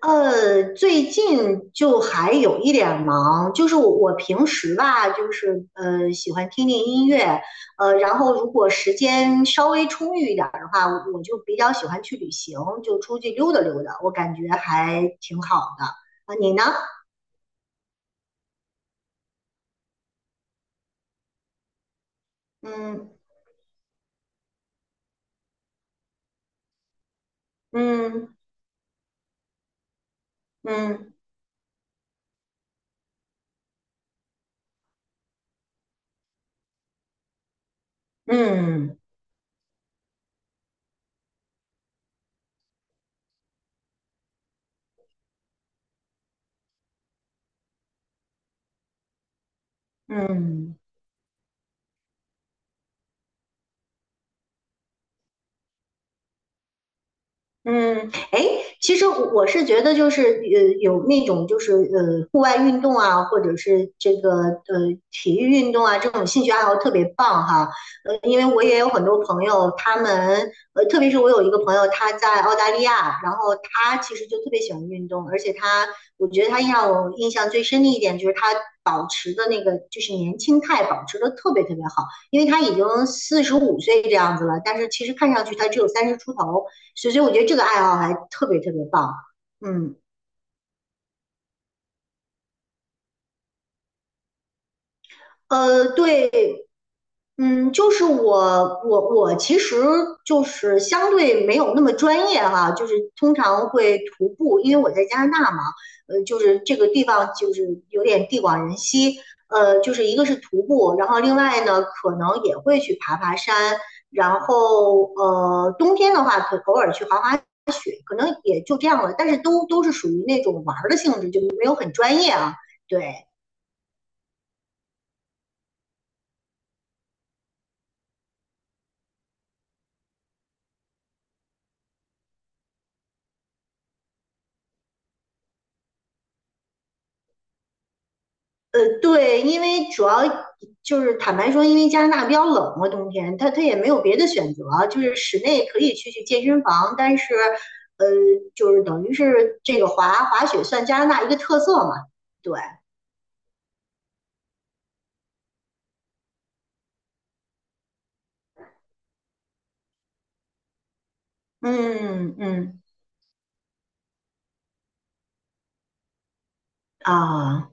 最近就还有一点忙，就是我平时吧，就是喜欢听听音乐，然后如果时间稍微充裕一点儿的话，我就比较喜欢去旅行，就出去溜达溜达，我感觉还挺好的。啊，你呢？嗯嗯嗯嗯嗯嗯。嗯嗯嗯，哎，其实我是觉得，就是有那种就是户外运动啊，或者是这个体育运动啊，这种兴趣爱好特别棒哈。因为我也有很多朋友，他们特别是我有一个朋友，他在澳大利亚，然后他其实就特别喜欢运动，而且他，我觉得他让我印象最深的一点就是他保持的那个就是年轻态保持的特别特别好，因为他已经45岁这样子了，但是其实看上去他只有30出头。所以我觉得这个爱好还特别特别棒。嗯，对。就是我其实就是相对没有那么专业哈，就是通常会徒步，因为我在加拿大嘛，就是这个地方就是有点地广人稀，就是一个是徒步，然后另外呢可能也会去爬爬山，然后冬天的话可偶尔去滑雪，可能也就这样了，但是都是属于那种玩儿的性质，就没有很专业啊，对。对，因为主要就是坦白说，因为加拿大比较冷嘛，冬天，它也没有别的选择，就是室内可以去健身房，但是，呃，就是等于是这个滑雪算加拿大一个特色嘛，对，嗯嗯啊。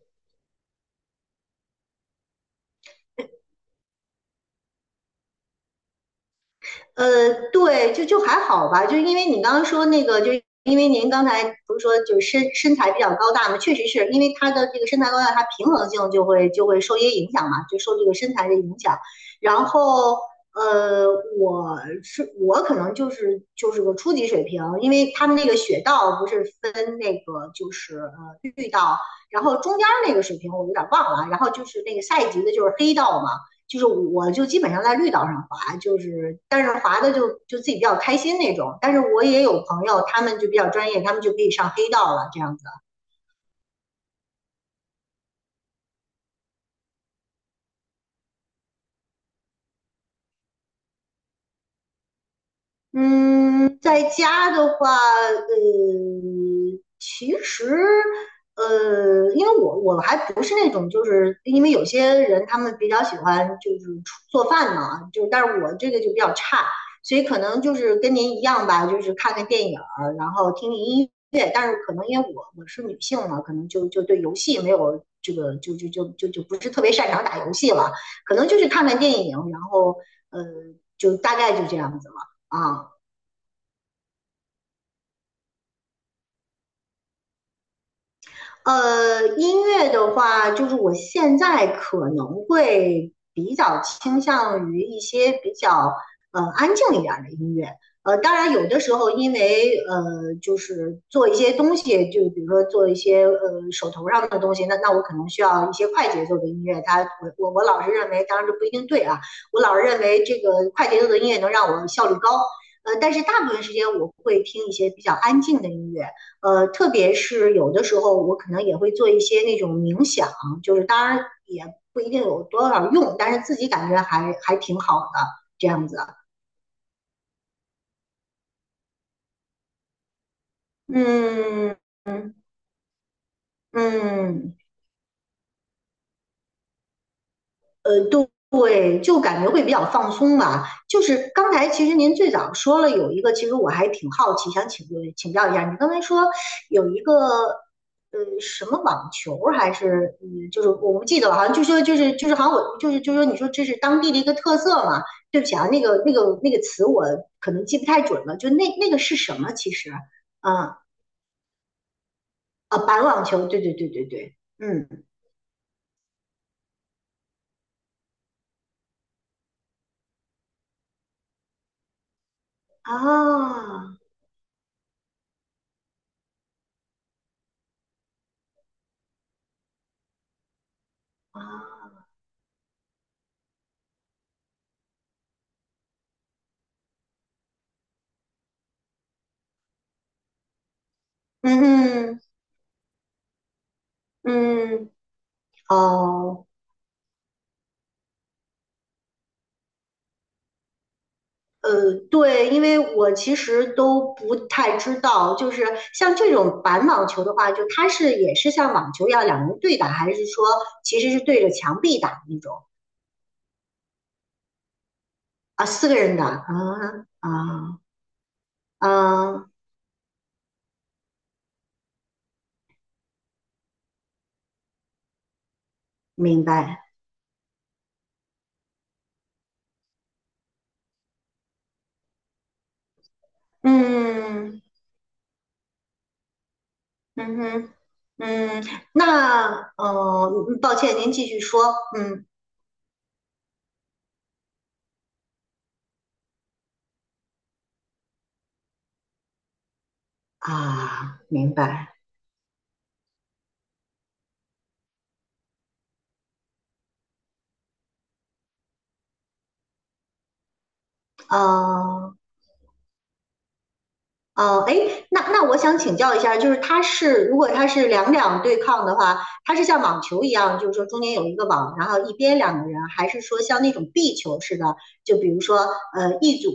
呃，对，就还好吧，就因为你刚刚说那个，就因为您刚才不是说就是身材比较高大嘛，确实是因为他的这个身材高大，他平衡性就会受一些影响嘛，就受这个身材的影响。然后呃，我可能就是个初级水平，因为他们那个雪道不是分那个就是绿道，然后中间那个水平我有点忘了，然后就是那个下一级的就是黑道嘛。就是我就基本上在绿道上滑，就是但是滑的就自己比较开心那种。但是我也有朋友，他们就比较专业，他们就可以上黑道了这样子。嗯，在家的话，其实，因为我还不是那种，就是因为有些人他们比较喜欢就是出做饭嘛，就但是我这个就比较差，所以可能就是跟您一样吧，就是看看电影儿，然后听听音乐，但是可能因为我是女性嘛，可能就对游戏没有这个就不是特别擅长打游戏了，可能就是看看电影，然后呃，就大概就这样子了。啊，音乐的话，就是我现在可能会比较倾向于一些比较安静一点儿的音乐。当然有的时候因为就是做一些东西，就比如说做一些手头上的东西，那我可能需要一些快节奏的音乐。我老是认为，当然这不一定对啊，我老是认为这个快节奏的音乐能让我效率高。但是大部分时间我会听一些比较安静的音乐。特别是有的时候，我可能也会做一些那种冥想，就是当然也不一定有多少用，但是自己感觉还挺好的这样子。嗯嗯嗯。对，就感觉会比较放松吧。就是刚才其实您最早说了有一个，其实我还挺好奇，想请教一下，你刚才说有一个。什么网球还是就是我不记得了，好像就说就是好像我就是说你说这是当地的一个特色嘛？对不起啊，那个词我可能记不太准了，就那个是什么？其实啊啊，板网球，对对对对对，嗯啊啊，嗯嗯嗯哦，对，因为我其实都不太知道，就是像这种板网球的话，就它是也是像网球一样两人对打，还是说其实是对着墙壁打那种啊？四个人打啊啊啊，明白。嗯嗯哼嗯，那哦，嗯抱歉，您继续说。嗯啊，明白。啊。哦，哎，那我想请教一下，就是如果它是两两对抗的话，它是像网球一样，就是说中间有一个网，然后一边两个人，还是说像那种壁球似的，就比如说一组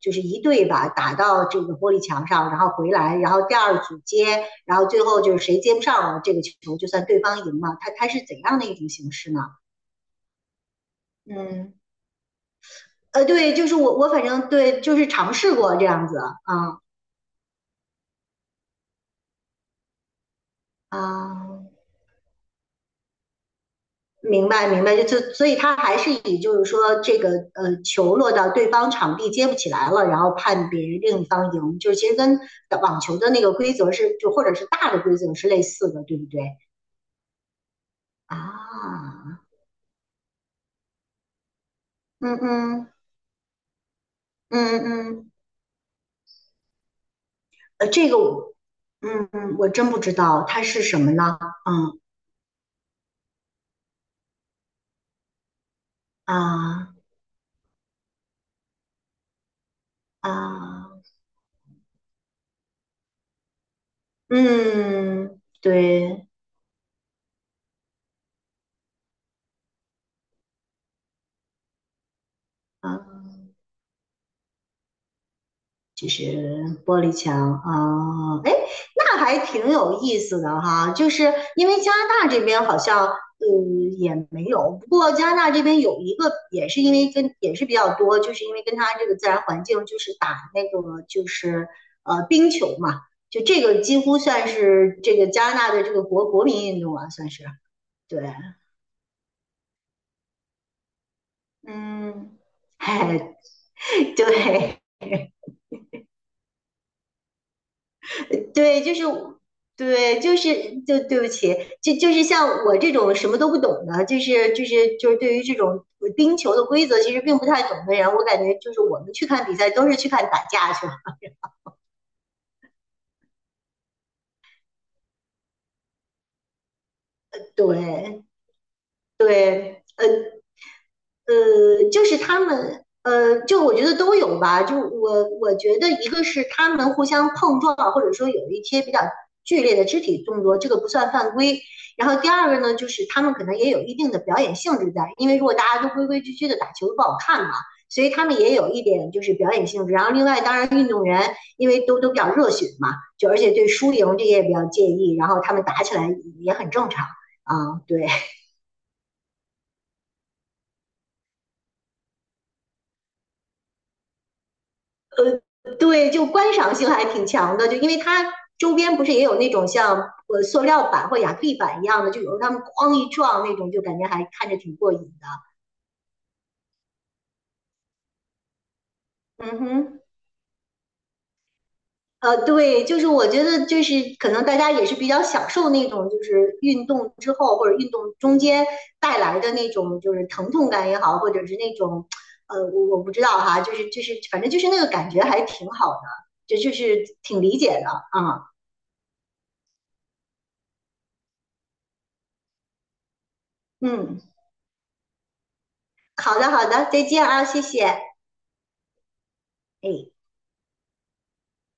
就是一队吧，打到这个玻璃墙上，然后回来，然后第二组接，然后最后就是谁接不上了这个球，就算对方赢了。它是怎样的一种形式呢？嗯，对，就是我反正对，就是尝试过这样子啊啊。明白，明白，就所以他还是以就是说这个球落到对方场地接不起来了，然后判别另一方赢，就是其实跟网球的那个规则是就或者是大的规则是类似的，对不对？啊，嗯嗯嗯嗯，这个我嗯嗯我真不知道它是什么呢？嗯啊啊嗯，对啊就是玻璃墙啊，哎，那还挺有意思的哈。就是因为加拿大这边好像，也没有。不过加拿大这边有一个，也是因为跟也是比较多，就是因为跟它这个自然环境，就是打那个就是冰球嘛，就这个几乎算是这个加拿大的这个国民运动啊，算是对，嗯，嘿，对。对，就是对，就是对不起，就是像我这种什么都不懂的，就是对于这种冰球的规则其实并不太懂的人，我感觉就是我们去看比赛都是去看打架去了。对对，就是他们，就我觉得都有吧。就我觉得一个是他们互相碰撞，或者说有一些比较剧烈的肢体动作，这个不算犯规。然后第二个呢，就是他们可能也有一定的表演性质在，因为如果大家都规规矩矩的打球不好看嘛，所以他们也有一点就是表演性质。然后另外，当然运动员因为都比较热血嘛，就而且对输赢这些也比较介意，然后他们打起来也很正常啊，对。对，就观赏性还挺强的，就因为它周边不是也有那种像塑料板或亚克力板一样的，就有时候他们哐一撞那种，就感觉还看着挺过瘾的。嗯哼，对，就是我觉得就是可能大家也是比较享受那种就是运动之后或者运动中间带来的那种就是疼痛感也好，或者是那种我不知道哈，就是反正就是那个感觉还挺好的，这就是挺理解的啊。嗯，好的好的，再见啊，谢谢。哎，